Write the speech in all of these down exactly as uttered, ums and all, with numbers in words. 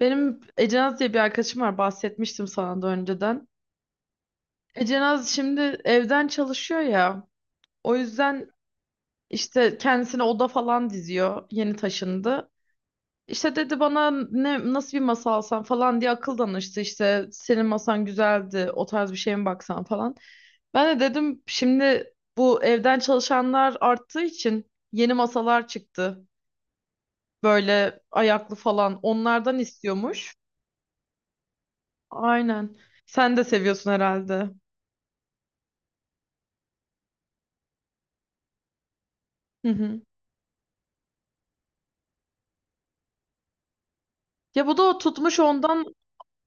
Benim Ecenaz diye bir arkadaşım var, bahsetmiştim sana da önceden. Ecenaz şimdi evden çalışıyor ya. O yüzden işte kendisine oda falan diziyor. Yeni taşındı. İşte dedi bana ne nasıl bir masa alsam falan diye akıl danıştı. İşte senin masan güzeldi, o tarz bir şeye mi baksan falan. Ben de dedim şimdi bu evden çalışanlar arttığı için yeni masalar çıktı. Böyle ayaklı falan onlardan istiyormuş. Aynen. Sen de seviyorsun herhalde. Hı hı. Ya bu da o tutmuş ondan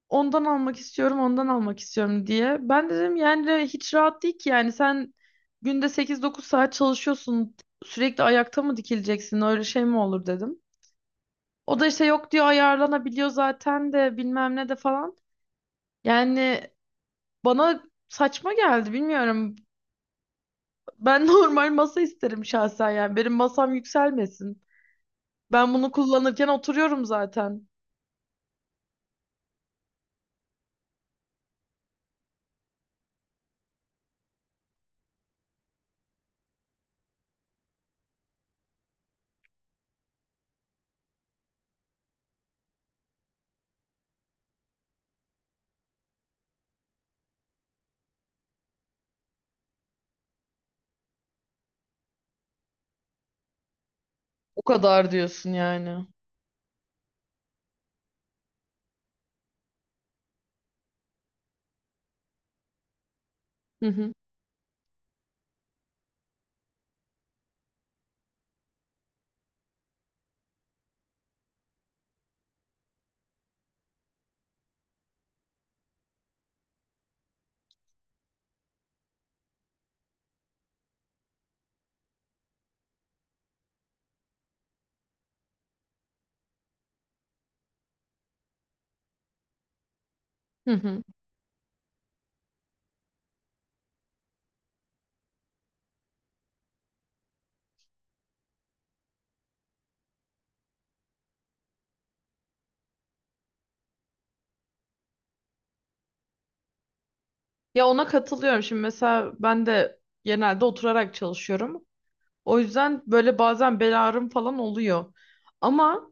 ondan almak istiyorum ondan almak istiyorum diye. Ben de dedim yani de hiç rahat değil ki, yani sen günde sekiz dokuz saat çalışıyorsun, sürekli ayakta mı dikileceksin, öyle şey mi olur dedim. O da işte yok diyor, ayarlanabiliyor zaten de bilmem ne de falan. Yani bana saçma geldi, bilmiyorum. Ben normal masa isterim şahsen, yani benim masam yükselmesin. Ben bunu kullanırken oturuyorum zaten. O kadar diyorsun yani. Hı hı. Hı hı. Ya ona katılıyorum. Şimdi mesela ben de genelde oturarak çalışıyorum. O yüzden böyle bazen bel ağrım falan oluyor. Ama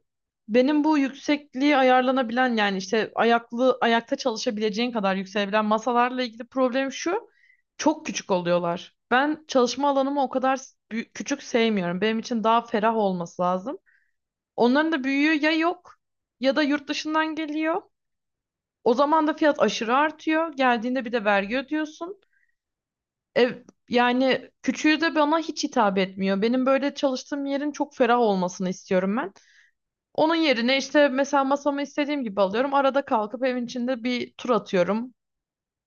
benim bu yüksekliği ayarlanabilen, yani işte ayaklı, ayakta çalışabileceğin kadar yükselebilen masalarla ilgili problem şu. Çok küçük oluyorlar. Ben çalışma alanımı o kadar s- büy- küçük sevmiyorum. Benim için daha ferah olması lazım. Onların da büyüğü ya yok ya da yurt dışından geliyor. O zaman da fiyat aşırı artıyor. Geldiğinde bir de vergi ödüyorsun. Ev, Yani küçüğü de bana hiç hitap etmiyor. Benim böyle çalıştığım yerin çok ferah olmasını istiyorum ben. Onun yerine işte mesela masamı istediğim gibi alıyorum. Arada kalkıp evin içinde bir tur atıyorum.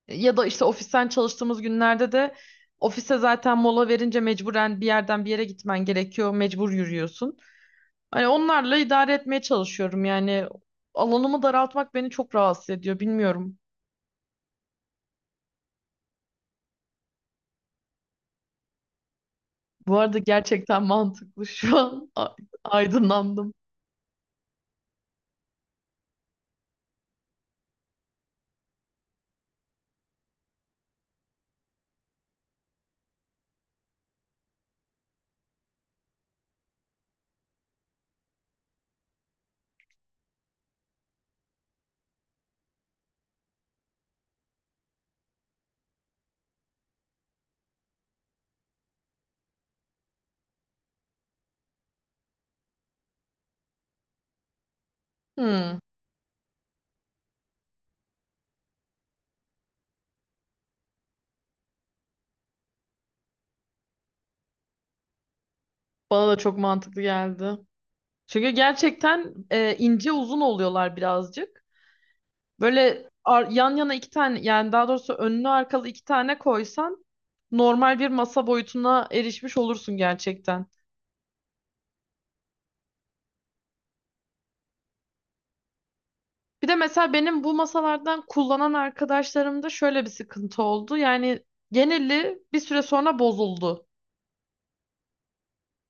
Ya da işte ofisten çalıştığımız günlerde de ofise zaten mola verince mecburen bir yerden bir yere gitmen gerekiyor. Mecbur yürüyorsun. Hani onlarla idare etmeye çalışıyorum. Yani alanımı daraltmak beni çok rahatsız ediyor. Bilmiyorum. Bu arada gerçekten mantıklı şu an. Aydınlandım. Hmm. Bana da çok mantıklı geldi. Çünkü gerçekten e, ince uzun oluyorlar birazcık. Böyle ar- yan yana iki tane, yani daha doğrusu önlü arkalı iki tane koysan, normal bir masa boyutuna erişmiş olursun gerçekten. Bir de mesela benim bu masalardan kullanan arkadaşlarımda şöyle bir sıkıntı oldu. Yani geneli bir süre sonra bozuldu.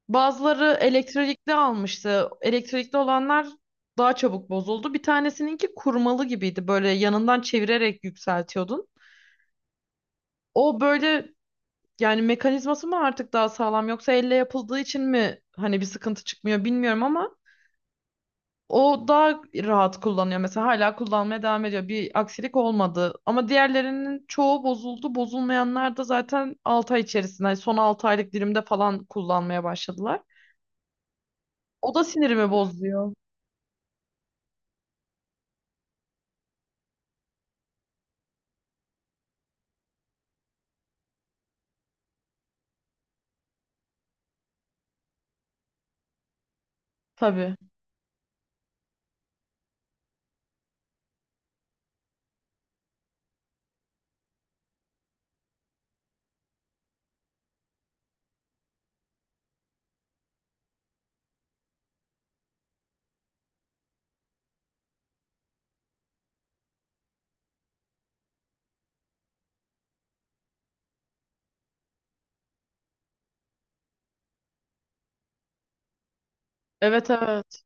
Bazıları elektrikli almıştı. Elektrikli olanlar daha çabuk bozuldu. Bir tanesininki kurmalı gibiydi. Böyle yanından çevirerek yükseltiyordun. O böyle, yani mekanizması mı artık daha sağlam, yoksa elle yapıldığı için mi hani bir sıkıntı çıkmıyor bilmiyorum, ama o daha rahat kullanıyor. Mesela hala kullanmaya devam ediyor. Bir aksilik olmadı. Ama diğerlerinin çoğu bozuldu. Bozulmayanlar da zaten altı ay içerisinde, hani son altı aylık dilimde falan kullanmaya başladılar. O da sinirimi bozuyor. Tabii. Evet, evet.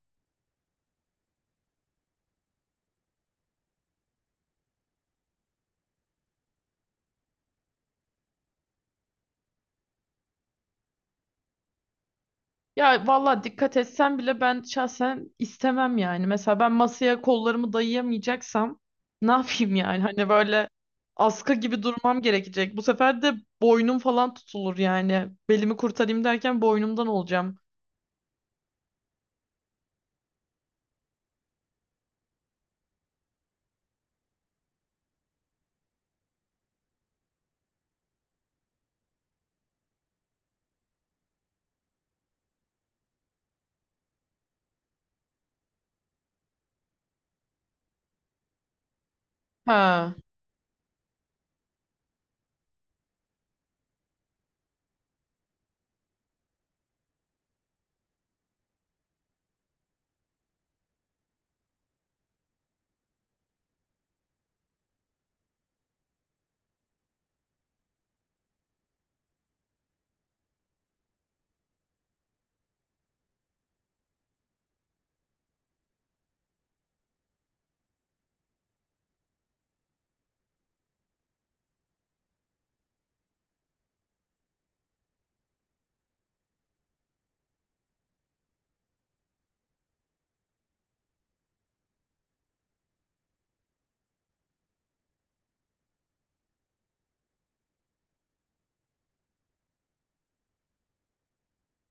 Ya valla dikkat etsem bile ben şahsen istemem yani. Mesela ben masaya kollarımı dayayamayacaksam ne yapayım yani? Hani böyle askı gibi durmam gerekecek. Bu sefer de boynum falan tutulur yani. Belimi kurtarayım derken boynumdan olacağım. Ha.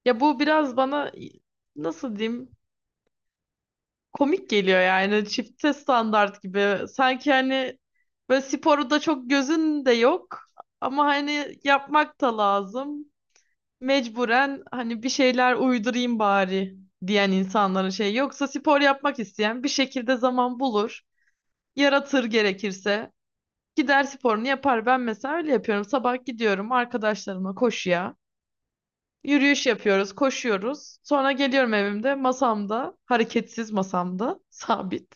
Ya bu biraz bana, nasıl diyeyim, komik geliyor yani, çifte standart gibi. Sanki hani böyle sporu da çok gözün de yok ama hani yapmak da lazım, mecburen hani bir şeyler uydurayım bari diyen insanların şey. Yoksa spor yapmak isteyen bir şekilde zaman bulur, yaratır gerekirse. Gider sporunu yapar. Ben mesela öyle yapıyorum. Sabah gidiyorum arkadaşlarımla koşuya. Yürüyüş yapıyoruz, koşuyoruz. Sonra geliyorum evimde masamda, hareketsiz masamda, sabit.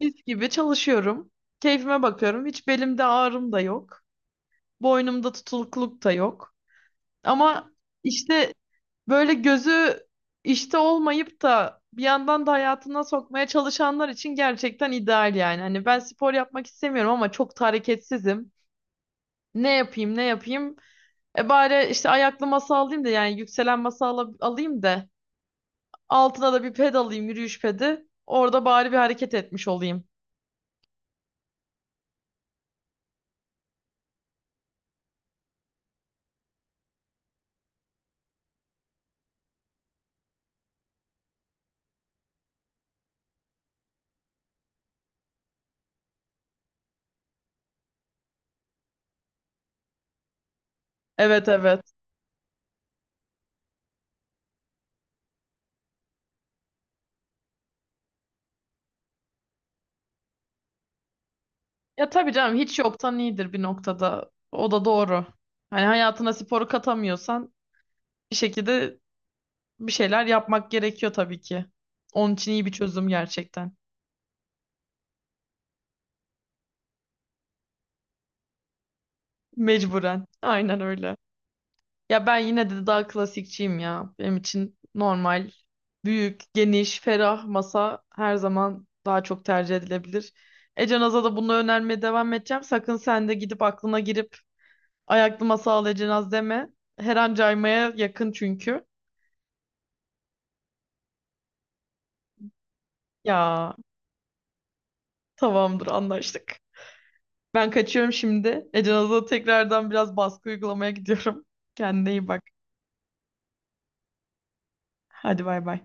Mis gibi çalışıyorum. Keyfime bakıyorum. Hiç belimde ağrım da yok. Boynumda tutulukluk da yok. Ama işte böyle gözü işte olmayıp da bir yandan da hayatına sokmaya çalışanlar için gerçekten ideal yani. Hani ben spor yapmak istemiyorum ama çok da hareketsizim. Ne yapayım, ne yapayım? E bari işte ayaklı masa alayım, da yani yükselen masa ala- alayım da altına da bir ped alayım, yürüyüş pedi. Orada bari bir hareket etmiş olayım. Evet, evet. Ya tabii canım, hiç yoktan iyidir bir noktada. O da doğru. Hani hayatına sporu katamıyorsan bir şekilde bir şeyler yapmak gerekiyor tabii ki. Onun için iyi bir çözüm gerçekten. Mecburen. Aynen öyle. Ya ben yine de daha klasikçiyim ya. Benim için normal, büyük, geniş, ferah masa her zaman daha çok tercih edilebilir. Ecenaz'a da bunu önermeye devam edeceğim. Sakın sen de gidip aklına girip ayaklı masa al Ecenaz deme. Her an caymaya yakın çünkü. Ya tamamdır, anlaştık. Ben kaçıyorum şimdi. Ecenaz'a tekrardan biraz baskı uygulamaya gidiyorum. Kendine iyi bak. Hadi bay bay.